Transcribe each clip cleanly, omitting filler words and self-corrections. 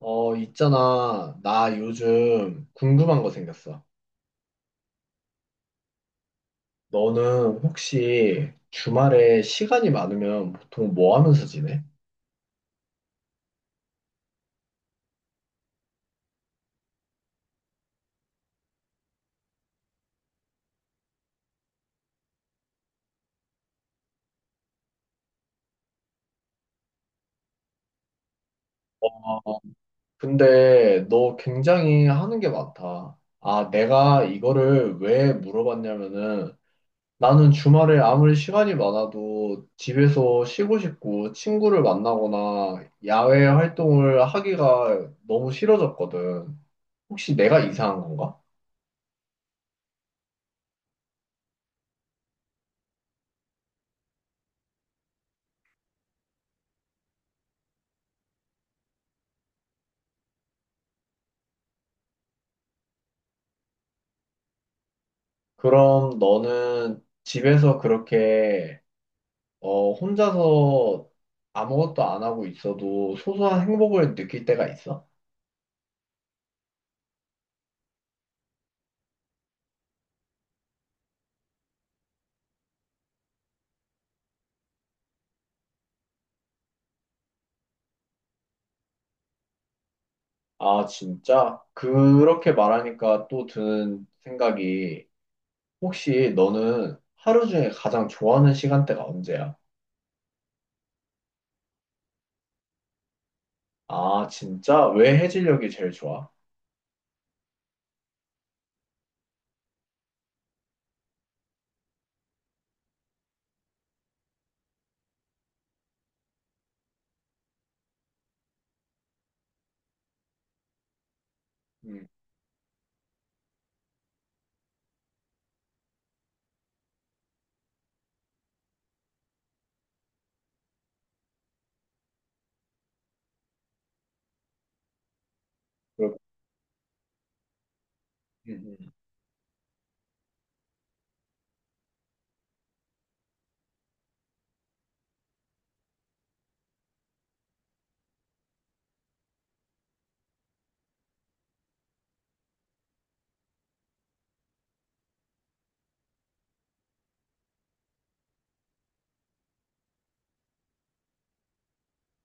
있잖아. 나 요즘 궁금한 거 생겼어. 너는 혹시 주말에 시간이 많으면 보통 뭐 하면서 지내? 어, 근데 너 굉장히 하는 게 많다. 아, 내가 이거를 왜 물어봤냐면은 나는 주말에 아무리 시간이 많아도 집에서 쉬고 싶고 친구를 만나거나 야외 활동을 하기가 너무 싫어졌거든. 혹시 내가 이상한 건가? 그럼 너는 집에서 그렇게 혼자서 아무것도 안 하고 있어도 소소한 행복을 느낄 때가 있어? 아, 진짜? 그렇게 말하니까 또 드는 생각이 혹시 너는 하루 중에 가장 좋아하는 시간대가 언제야? 아, 진짜? 왜 해질녘이 제일 좋아? 음, 그렇- 음, 음.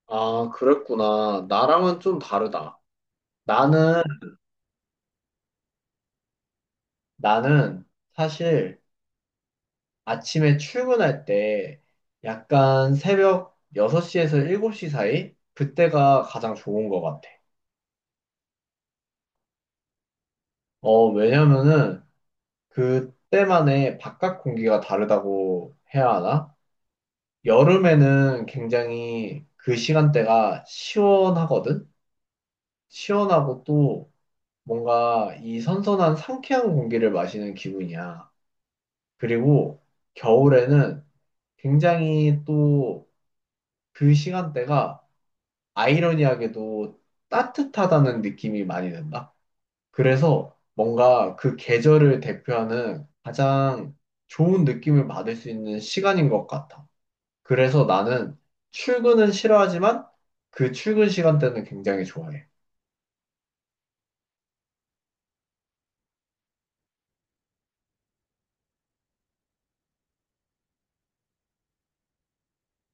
아, 그랬구나. 나랑은 좀 다르다. 나는, 나는 사실 아침에 출근할 때 약간 새벽 6시에서 7시 사이? 그때가 가장 좋은 것 같아. 왜냐면은 그때만의 바깥 공기가 다르다고 해야 하나? 여름에는 굉장히 그 시간대가 시원하거든? 시원하고 또 뭔가 이 선선한 상쾌한 공기를 마시는 기분이야. 그리고 겨울에는 굉장히 또 그 시간대가 아이러니하게도 따뜻하다는 느낌이 많이 든다. 그래서 뭔가 그 계절을 대표하는 가장 좋은 느낌을 받을 수 있는 시간인 것 같아. 그래서 나는 출근은 싫어하지만 그 출근 시간대는 굉장히 좋아해.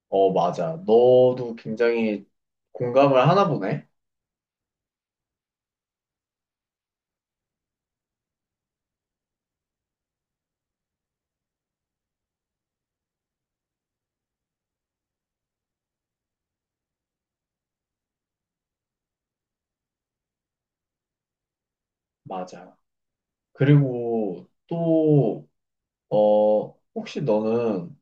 어, 맞아. 너도 굉장히 공감을 하나 보네. 맞아. 그리고 또, 어, 혹시 너는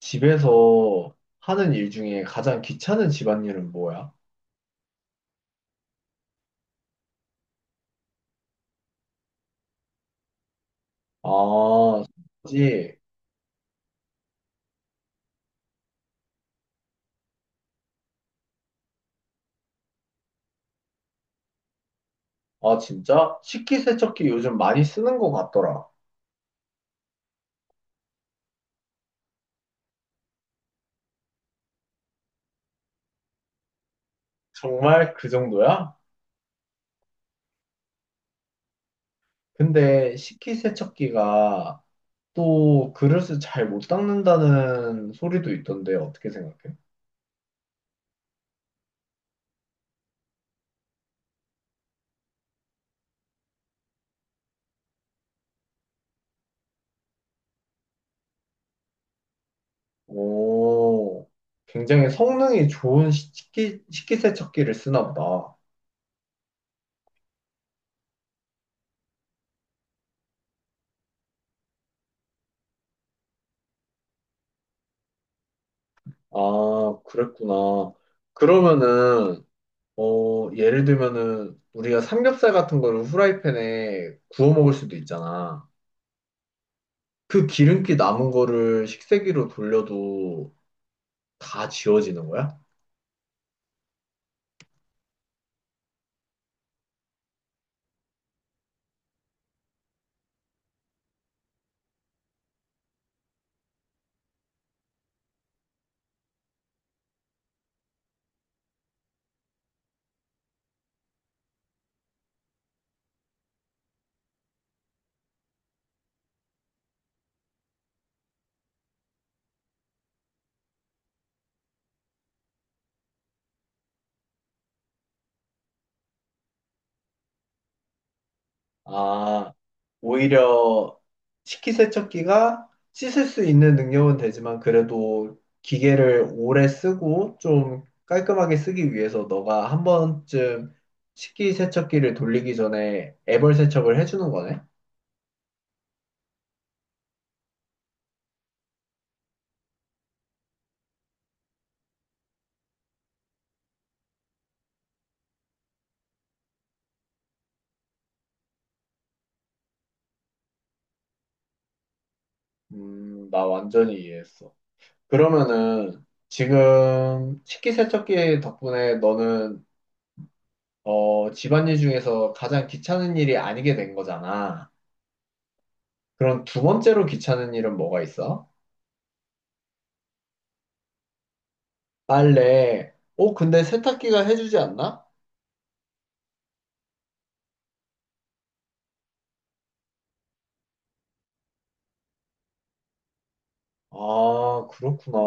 집에서 하는 일 중에 가장 귀찮은 집안일은 뭐야? 아, 그지. 아, 진짜? 식기세척기 요즘 많이 쓰는 것 같더라. 정말 그 정도야? 근데 식기세척기가 또 그릇을 잘 못 닦는다는 소리도 있던데 어떻게 생각해? 오, 굉장히 성능이 좋은 식기세척기를 쓰나 보다. 아, 그랬구나. 그러면은, 예를 들면은 우리가 삼겹살 같은 거를 후라이팬에 구워 먹을 수도 있잖아. 그 기름기 남은 거를 식세기로 돌려도 다 지워지는 거야? 아, 오히려 식기세척기가 씻을 수 있는 능력은 되지만 그래도 기계를 오래 쓰고 좀 깔끔하게 쓰기 위해서 너가 한 번쯤 식기세척기를 돌리기 전에 애벌 세척을 해주는 거네? 나 완전히 이해했어. 그러면은 지금 식기세척기 덕분에 너는 집안일 중에서 가장 귀찮은 일이 아니게 된 거잖아. 그럼 두 번째로 귀찮은 일은 뭐가 있어? 빨래. 어, 근데 세탁기가 해주지 않나? 아, 그렇구나.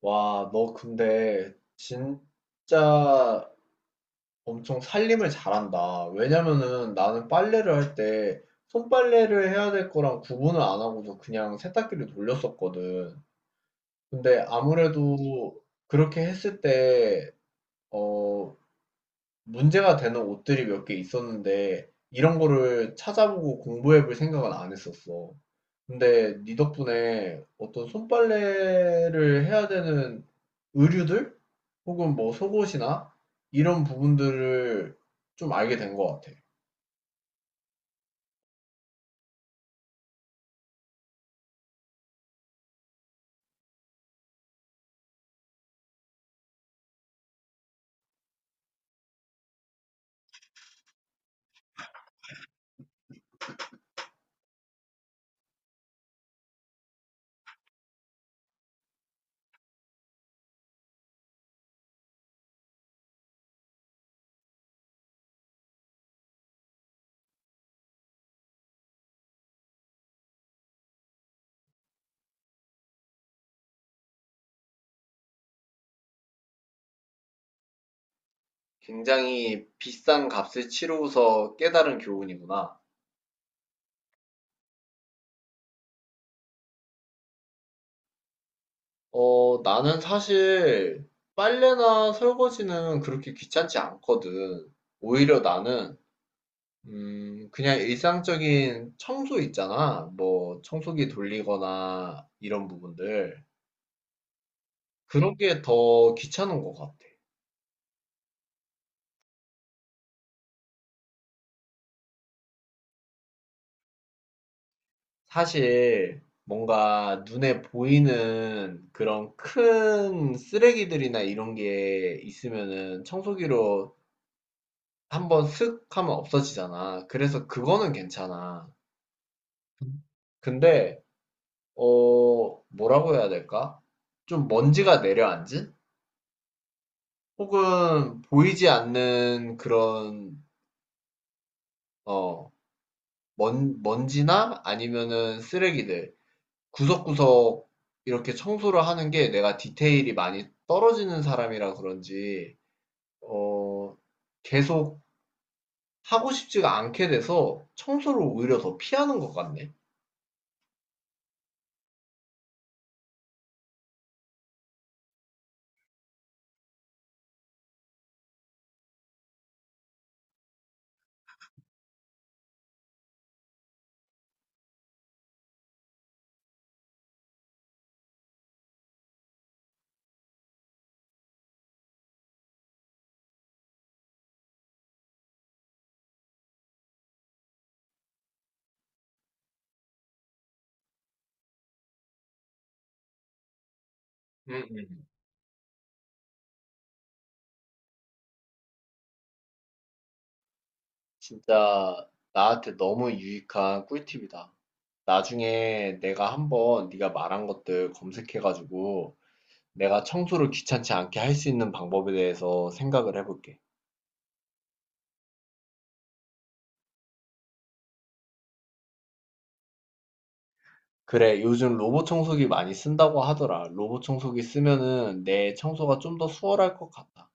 와, 너 근데 진짜 엄청 살림을 잘한다. 왜냐면은 나는 빨래를 할 때 손빨래를 해야 될 거랑 구분을 안 하고도 그냥 세탁기를 돌렸었거든. 근데 아무래도 그렇게 했을 때, 어, 문제가 되는 옷들이 몇 개 있었는데 이런 거를 찾아보고 공부해 볼 생각은 안 했었어. 근데 네 덕분에 어떤 손빨래를 해야 되는 의류들? 혹은 뭐 속옷이나 이런 부분들을 좀 알게 된 것 같아. 굉장히 비싼 값을 치르고서 깨달은 교훈이구나. 어, 나는 사실 빨래나 설거지는 그렇게 귀찮지 않거든. 오히려 나는 그냥 일상적인 청소 있잖아. 뭐, 청소기 돌리거나 이런 부분들. 그런 게 더 귀찮은 것 같아. 사실, 뭔가 눈에 보이는 그런 큰 쓰레기들이나 이런 게 있으면은 청소기로 한번 슥 하면 없어지잖아. 그래서 그거는 괜찮아. 근데, 어, 뭐라고 해야 될까? 좀 먼지가 내려앉은? 혹은 보이지 않는 그런 어 먼지나 아니면은 쓰레기들 구석구석 이렇게 청소를 하는 게 내가 디테일이 많이 떨어지는 사람이라 그런지 어 계속 하고 싶지가 않게 돼서 청소를 오히려 더 피하는 것 같네. 음, 음. 진짜 나한테 너무 유익한 꿀팁이다. 나중에 내가 한번 네가 말한 것들 검색해가지고 내가 청소를 귀찮지 않게 할 수 있는 방법에 대해서 생각을 해볼게. 그래, 요즘 로봇 청소기 많이 쓴다고 하더라. 로봇 청소기 쓰면은 내 청소가 좀 더 수월할 것 같아.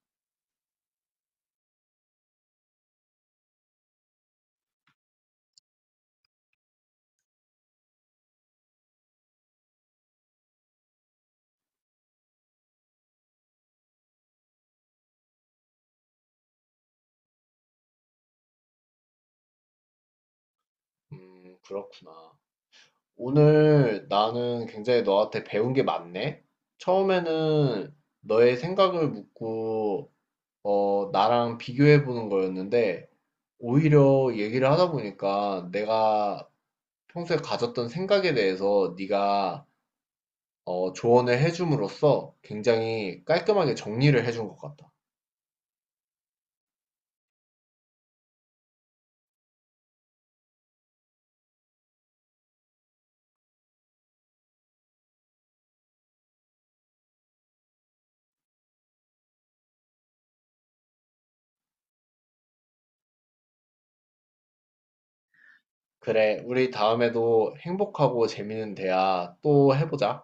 그렇구나. 오늘 나는 굉장히 너한테 배운 게 많네? 처음에는 너의 생각을 묻고, 나랑 비교해 보는 거였는데, 오히려 얘기를 하다 보니까 내가 평소에 가졌던 생각에 대해서 네가 조언을 해줌으로써 굉장히 깔끔하게 정리를 해준 것 같다. 그래, 우리 다음에도 행복하고 재밌는 대화 또 해보자.